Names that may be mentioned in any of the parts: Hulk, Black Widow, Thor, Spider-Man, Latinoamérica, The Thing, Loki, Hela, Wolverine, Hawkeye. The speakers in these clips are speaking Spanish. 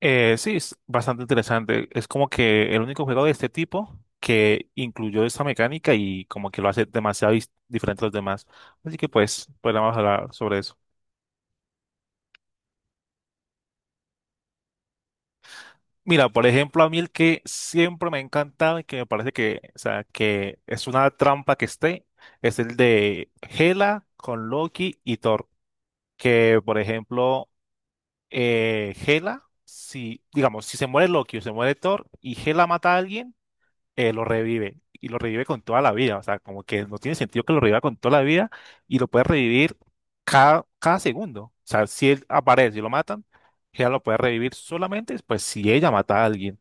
Sí, es bastante interesante. Es como que el único juego de este tipo que incluyó esta mecánica y como que lo hace demasiado diferente a los demás. Así que pues, podríamos hablar sobre eso. Mira, por ejemplo, a mí el que siempre me ha encantado y que me parece que, o sea, que es una trampa que esté, es el de Hela con Loki y Thor. Que, por ejemplo, Hela, si, digamos, si se muere Loki o se muere Thor y Hela mata a alguien, lo revive y lo revive con toda la vida. O sea, como que no tiene sentido que lo reviva con toda la vida y lo puede revivir cada segundo. O sea, si él aparece y lo matan, ella lo puede revivir solamente pues si ella mata a alguien.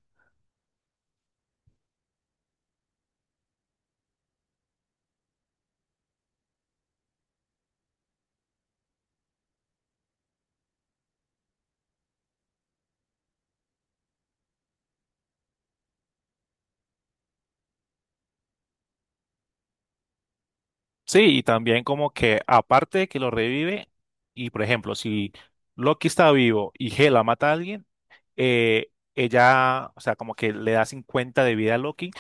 Sí, y también como que aparte de que lo revive y por ejemplo, si Loki está vivo y Hela mata a alguien, ella, o sea, como que le da 50 de vida a Loki,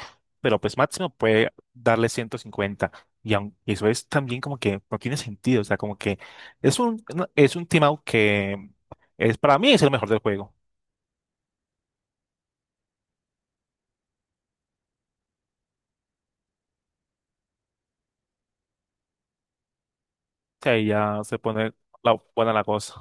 pero pues máximo puede darle 150. Y eso es también como que no tiene sentido, o sea, como que es un, es un team out que es, para mí es el mejor del juego. O sea, y ya se pone la, buena la cosa.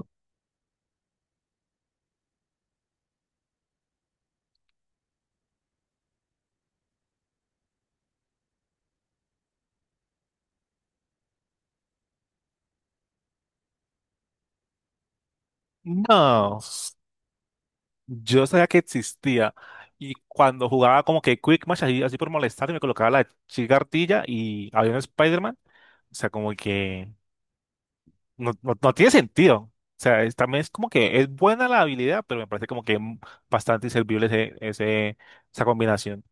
No, yo sabía que existía. Y cuando jugaba como que Quick Match, así por molestar, me colocaba la chica ardilla y había un Spider-Man. O sea, como que no tiene sentido. O sea, también es como que es buena la habilidad, pero me parece como que bastante inservible esa combinación.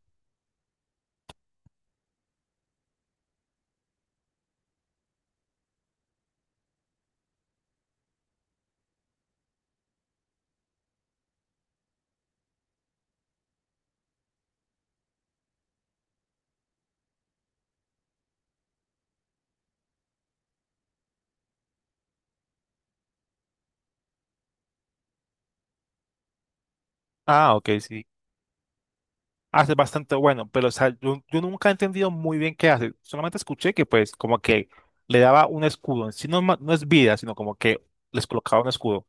Ah, ok, sí. Hace bastante bueno, pero o sea, yo nunca he entendido muy bien qué hace. Solamente escuché que pues como que le daba un escudo. En sí no, es no es vida, sino como que les colocaba un escudo.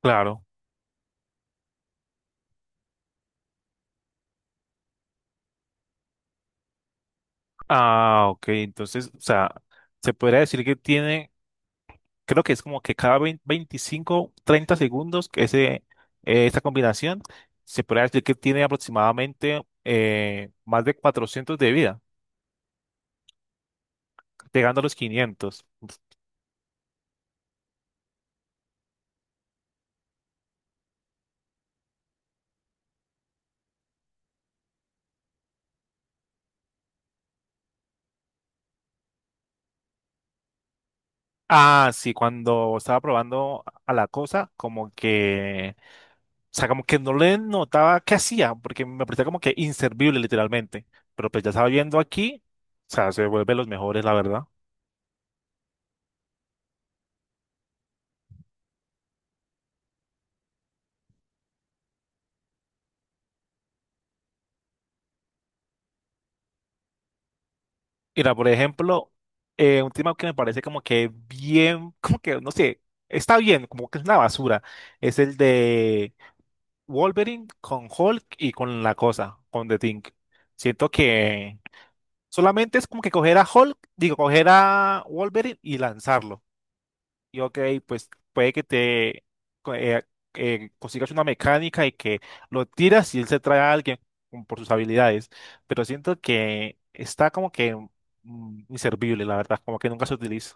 Claro. Ah, ok. Entonces, o sea, se podría decir que tiene. Creo que es como que cada 25, 30 segundos que ese, esta combinación se puede decir que tiene aproximadamente más de 400 de vida, llegando a los 500. Ah, sí, cuando estaba probando a la cosa, como que, o sea, como que no le notaba qué hacía, porque me parecía como que inservible literalmente. Pero pues ya estaba viendo aquí, o sea, se vuelve los mejores, la verdad. Mira, por ejemplo, un tema que me parece como que bien, como que, no sé, está bien, como que es una basura, es el de Wolverine con Hulk y con la cosa, con The Thing. Siento que solamente es como que coger a Hulk, digo, coger a Wolverine y lanzarlo. Y ok, pues puede que te co- eh, consigas una mecánica y que lo tiras y él se trae a alguien por sus habilidades, pero siento que está como que inservible, la verdad, como que nunca se utiliza.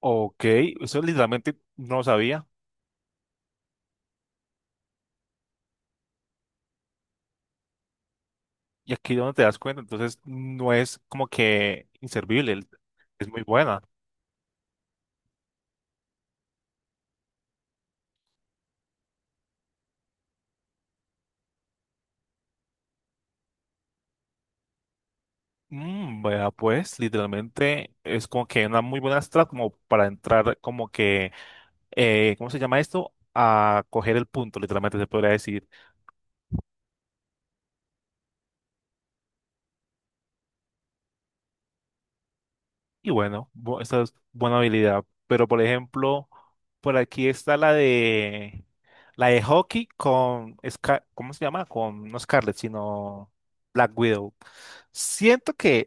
Ok, eso literalmente no lo sabía y aquí es donde te das cuenta, entonces no es como que inservible, es muy buena. Vea, pues literalmente es como que una muy buena strat como para entrar como que ¿cómo se llama esto? A coger el punto, literalmente se podría decir. Y bueno, esa es buena habilidad. Pero por ejemplo, por aquí está la de hockey con ¿cómo se llama? Con no Scarlett, sino Black Widow. Siento que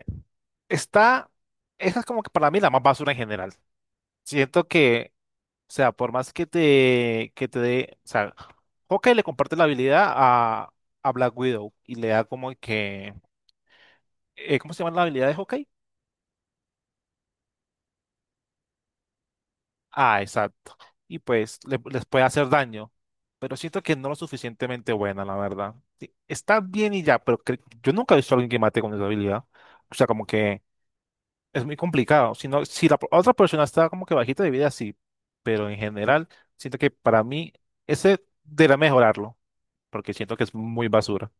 está, esa es como que para mí la más basura en general. Siento que, o sea, por más que te dé, o sea, Hawkeye le comparte la habilidad a Black Widow y le da como que ¿cómo se llama la habilidad de Hawkeye? Ah, exacto. Y pues les puede hacer daño, pero siento que no lo suficientemente buena, la verdad. Sí, está bien y ya, pero yo nunca he visto a alguien que mate con esa habilidad. O sea, como que es muy complicado. Si no, si la otra persona está como que bajita de vida, sí, pero en general siento que para mí ese debería mejorarlo, porque siento que es muy basura.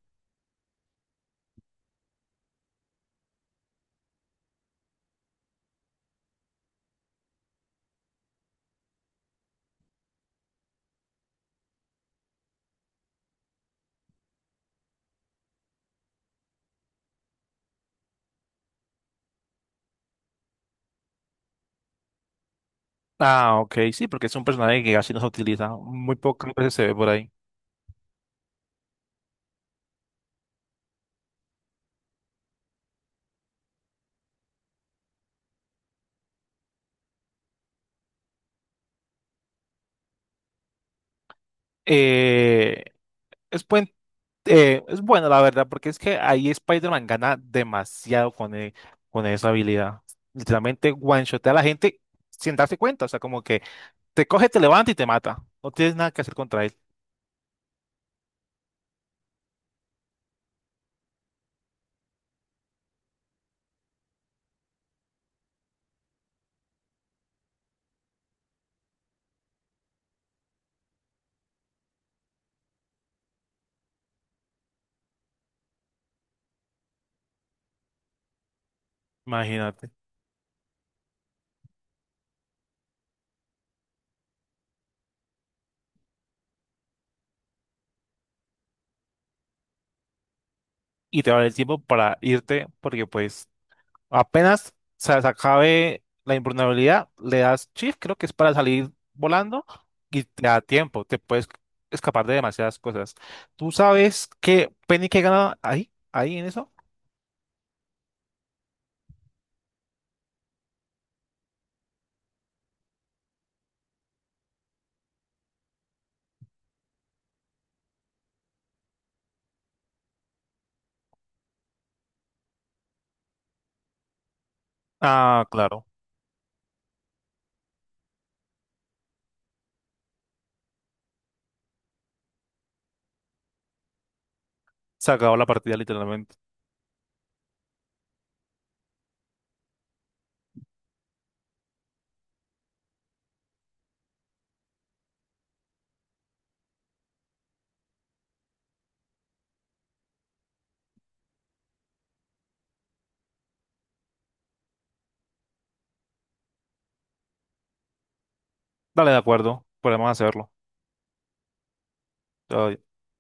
Ah, ok, sí, porque es un personaje que casi no se utiliza, muy pocas veces se ve por ahí. Eh, es, buen- es bueno, la verdad, porque es que ahí Spider-Man gana demasiado con esa habilidad. Literalmente one-shotea a la gente sin darse cuenta, o sea, como que te coge, te levanta y te mata. No tienes nada que hacer contra él. Imagínate. Y te va a dar el tiempo para irte, porque pues apenas se acabe la improbabilidad, le das shift, creo que es para salir volando, y te da tiempo, te puedes escapar de demasiadas cosas. ¿Tú sabes qué Penny que gana ahí? ¿Ahí en eso? Ah, claro. Se acabó la partida literalmente. Dale, de acuerdo. Podemos hacerlo. Todo bien.